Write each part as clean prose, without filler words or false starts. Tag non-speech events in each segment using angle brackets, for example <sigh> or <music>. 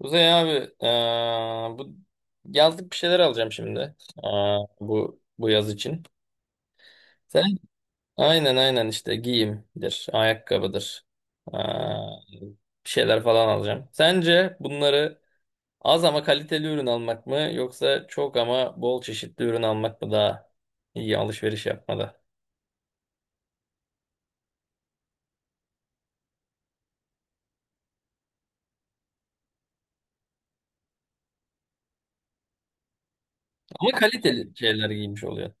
Kuzey abi, bu yazlık bir şeyler alacağım şimdi. Aa, bu yaz için. Sen aynen aynen işte giyimdir, ayakkabıdır. Aa, bir şeyler falan alacağım. Sence bunları az ama kaliteli ürün almak mı yoksa çok ama bol çeşitli ürün almak mı daha iyi alışveriş yapmada? Ama kaliteli şeyler giymiş oluyor.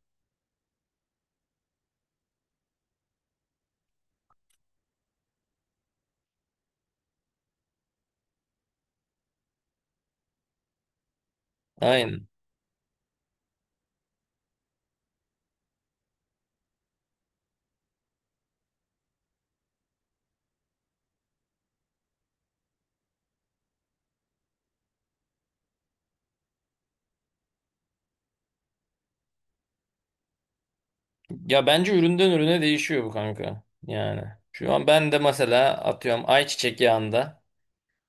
Aynen. Ya bence üründen ürüne değişiyor bu kanka. Yani şu an ben de mesela atıyorum ayçiçek yağında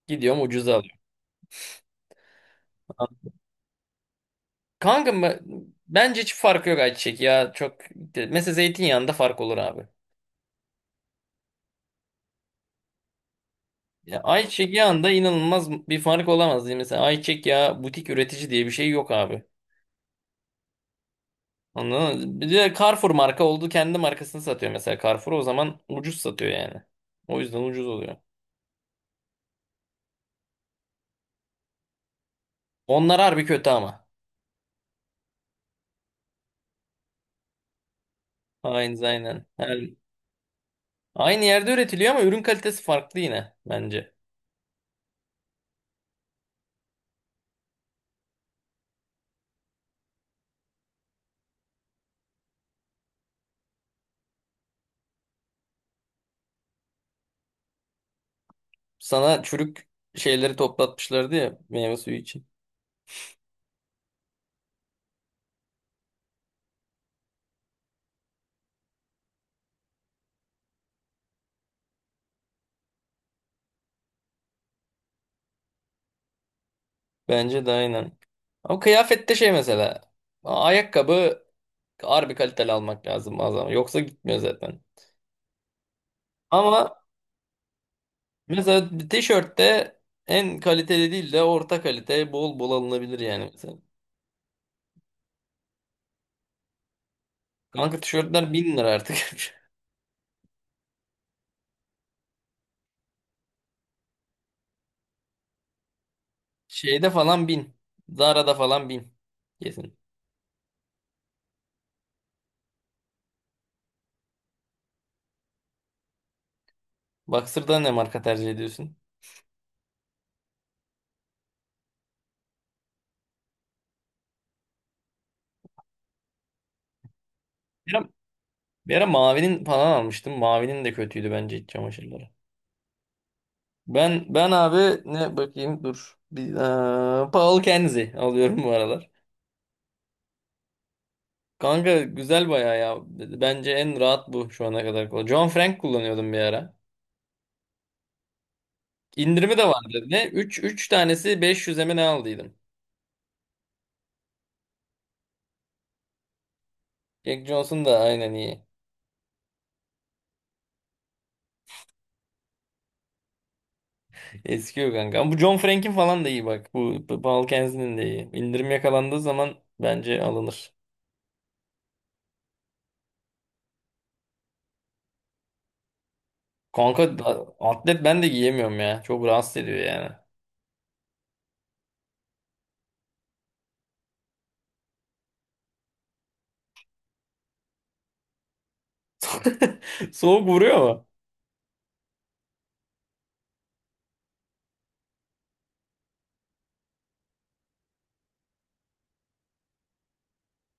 gidiyorum, ucuza alıyorum. Kanka, bence hiç farkı yok ayçiçek ya. Çok mesela zeytinyağında fark olur abi. Ya ayçiçek yağında inanılmaz bir fark olamaz diye. Mesela ayçiçek yağı butik üretici diye bir şey yok abi. Anladın mı? Bir de Carrefour marka oldu, kendi markasını satıyor mesela Carrefour, o zaman ucuz satıyor yani. O yüzden ucuz oluyor. Onlar harbi kötü ama. Aynen aynen. Yani aynı yerde üretiliyor ama ürün kalitesi farklı yine bence. Sana çürük şeyleri toplatmışlardı ya meyve suyu için. Bence de aynen. Ama kıyafette şey mesela. Ayakkabı harbi kaliteli almak lazım bazen. Yoksa gitmiyor zaten. Ama mesela bir tişörtte en kaliteli değil de orta kalite bol bol alınabilir yani mesela. Kanka tişörtler 1.000 lira artık. <laughs> Şeyde falan 1.000. Zara'da falan 1.000. Kesin. Boxer'da ne marka tercih ediyorsun? Bir ara, bir ara mavinin falan almıştım. Mavinin de kötüydü bence iç çamaşırları. Ben abi ne bakayım dur. Bir, Paul Kenzie alıyorum bu aralar. Kanka güzel bayağı ya. Bence en rahat bu şu ana kadar. John Frank kullanıyordum bir ara. İndirimi de vardı. Ne? Üç tanesi 500'e mi ne aldıydım. Jack Johnson da aynen iyi. Eskiyor kanka. Ama bu John Frank'in falan da iyi bak. Bu Paul Kensley'nin de iyi. İndirim yakalandığı zaman bence alınır. Kanka, atlet ben de giyemiyorum ya. Çok rahatsız ediyor yani. <laughs> Soğuk vuruyor mu?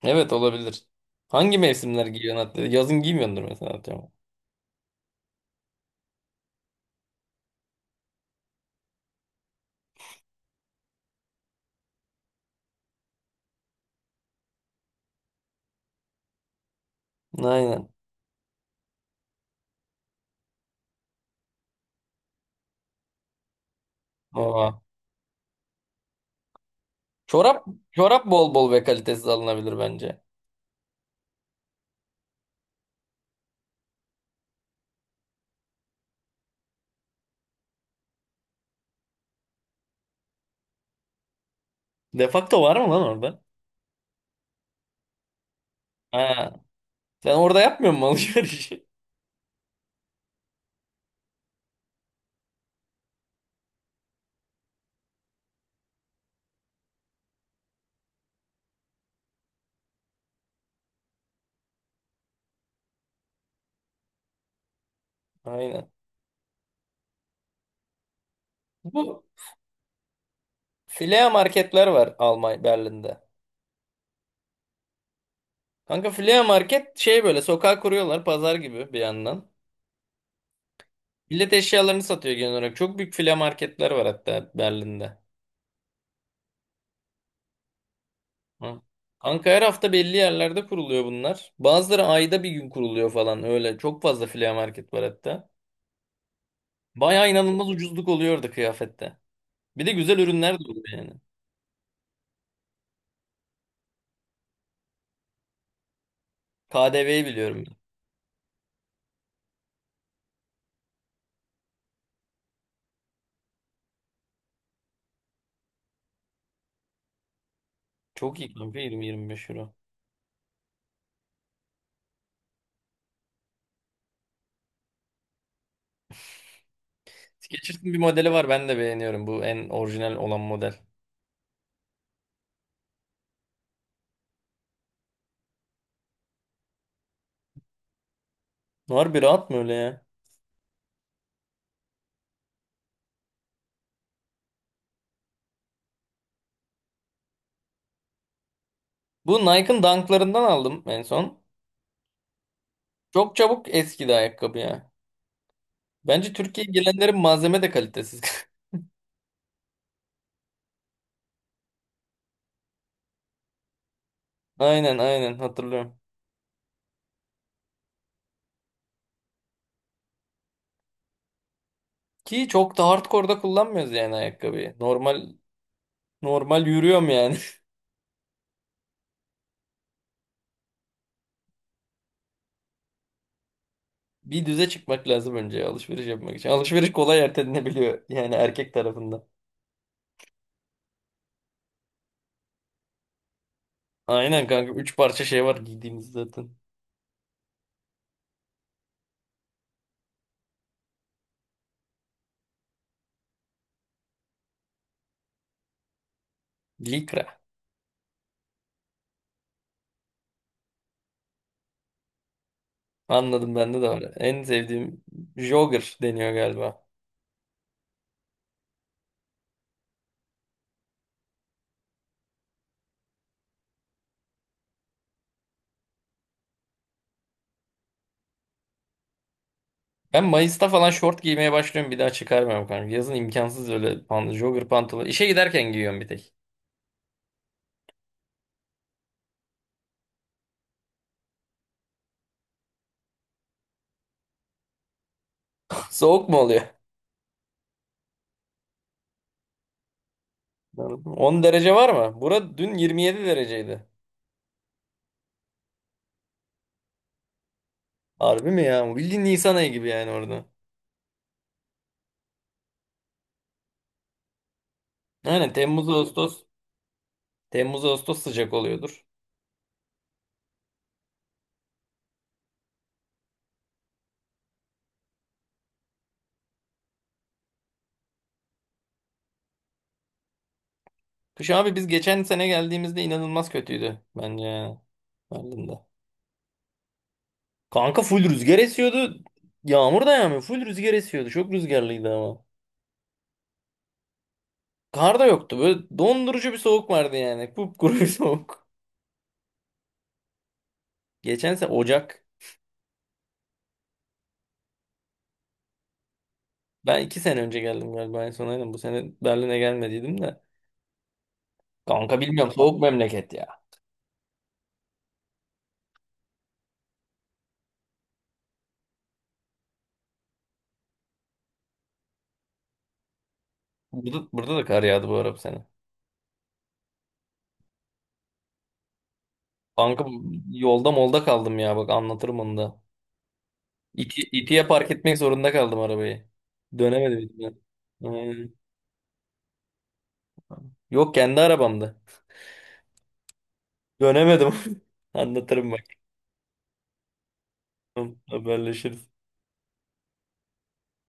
Evet olabilir. Hangi mevsimler giyiyorsun atlet? Yazın giymiyordur mesela atıyorum. Aynen. O. Çorap çorap bol bol ve kalitesiz alınabilir bence. Defakto var mı lan orada? Ha, sen orada yapmıyor musun alışverişi? <laughs> Aynen. Bu Flea marketler var Almanya Berlin'de. Kanka Flea market şey böyle sokağa kuruyorlar, pazar gibi bir yandan. Millet eşyalarını satıyor genel olarak. Çok büyük Flea marketler var hatta Berlin'de. Hı. Kanka her hafta belli yerlerde kuruluyor bunlar. Bazıları ayda bir gün kuruluyor falan öyle. Çok fazla Flea market var hatta. Baya inanılmaz ucuzluk oluyordu kıyafette. Bir de güzel ürünler de oluyor yani. KDV'yi biliyorum ben. Çok iyi kanka, 20-25 euro. Skechers'ın bir modeli var ben de beğeniyorum. Bu en orijinal olan model. Harbi rahat mı öyle ya? Bu Nike'ın Dunk'larından aldım en son. Çok çabuk eskidi ayakkabı ya. Bence Türkiye'ye gelenlerin malzeme de kalitesiz. <laughs> Aynen aynen hatırlıyorum. Ki çok da hardcore'da kullanmıyoruz yani ayakkabıyı. Normal normal yürüyorum yani. <laughs> Bir düze çıkmak lazım önce alışveriş yapmak için. Alışveriş kolay ertelenebiliyor yani erkek tarafından. Aynen kanka. 3 parça şey var giydiğimiz zaten. Likra. Anladım, bende de var. En sevdiğim jogger deniyor galiba. Ben Mayıs'ta falan şort giymeye başlıyorum. Bir daha çıkarmıyorum kanka. Yazın imkansız öyle pant jogger pantolon. İşe giderken giyiyorum bir tek. <laughs> Soğuk mu oluyor? 10 derece var mı? Bura dün 27 dereceydi. Harbi mi ya? Bildiğin Nisan ayı gibi yani orada. Aynen, Temmuz Ağustos. Temmuz Ağustos sıcak oluyordur. Kış abi, biz geçen sene geldiğimizde inanılmaz kötüydü bence yani. Berlin'de. Kanka full rüzgar esiyordu. Yağmur da yağmıyor. Full rüzgar esiyordu. Çok rüzgarlıydı ama. Kar da yoktu. Böyle dondurucu bir soğuk vardı yani. Kupkuru bir <laughs> soğuk. Geçen sene Ocak. Ben 2 sene önce geldim galiba en son, aynen. Bu sene Berlin'e gelmediydim de. Kanka bilmiyorum, soğuk memleket ya. Burada, burada da kar yağdı bu ara bu sene. Kanka yolda molda kaldım ya, bak anlatırım onu da. İti, itiye park etmek zorunda kaldım arabayı. Dönemedim ben. Aynen. Yok, kendi arabamda. Dönemedim. <laughs> Anlatırım bak. Tamam, haberleşiriz.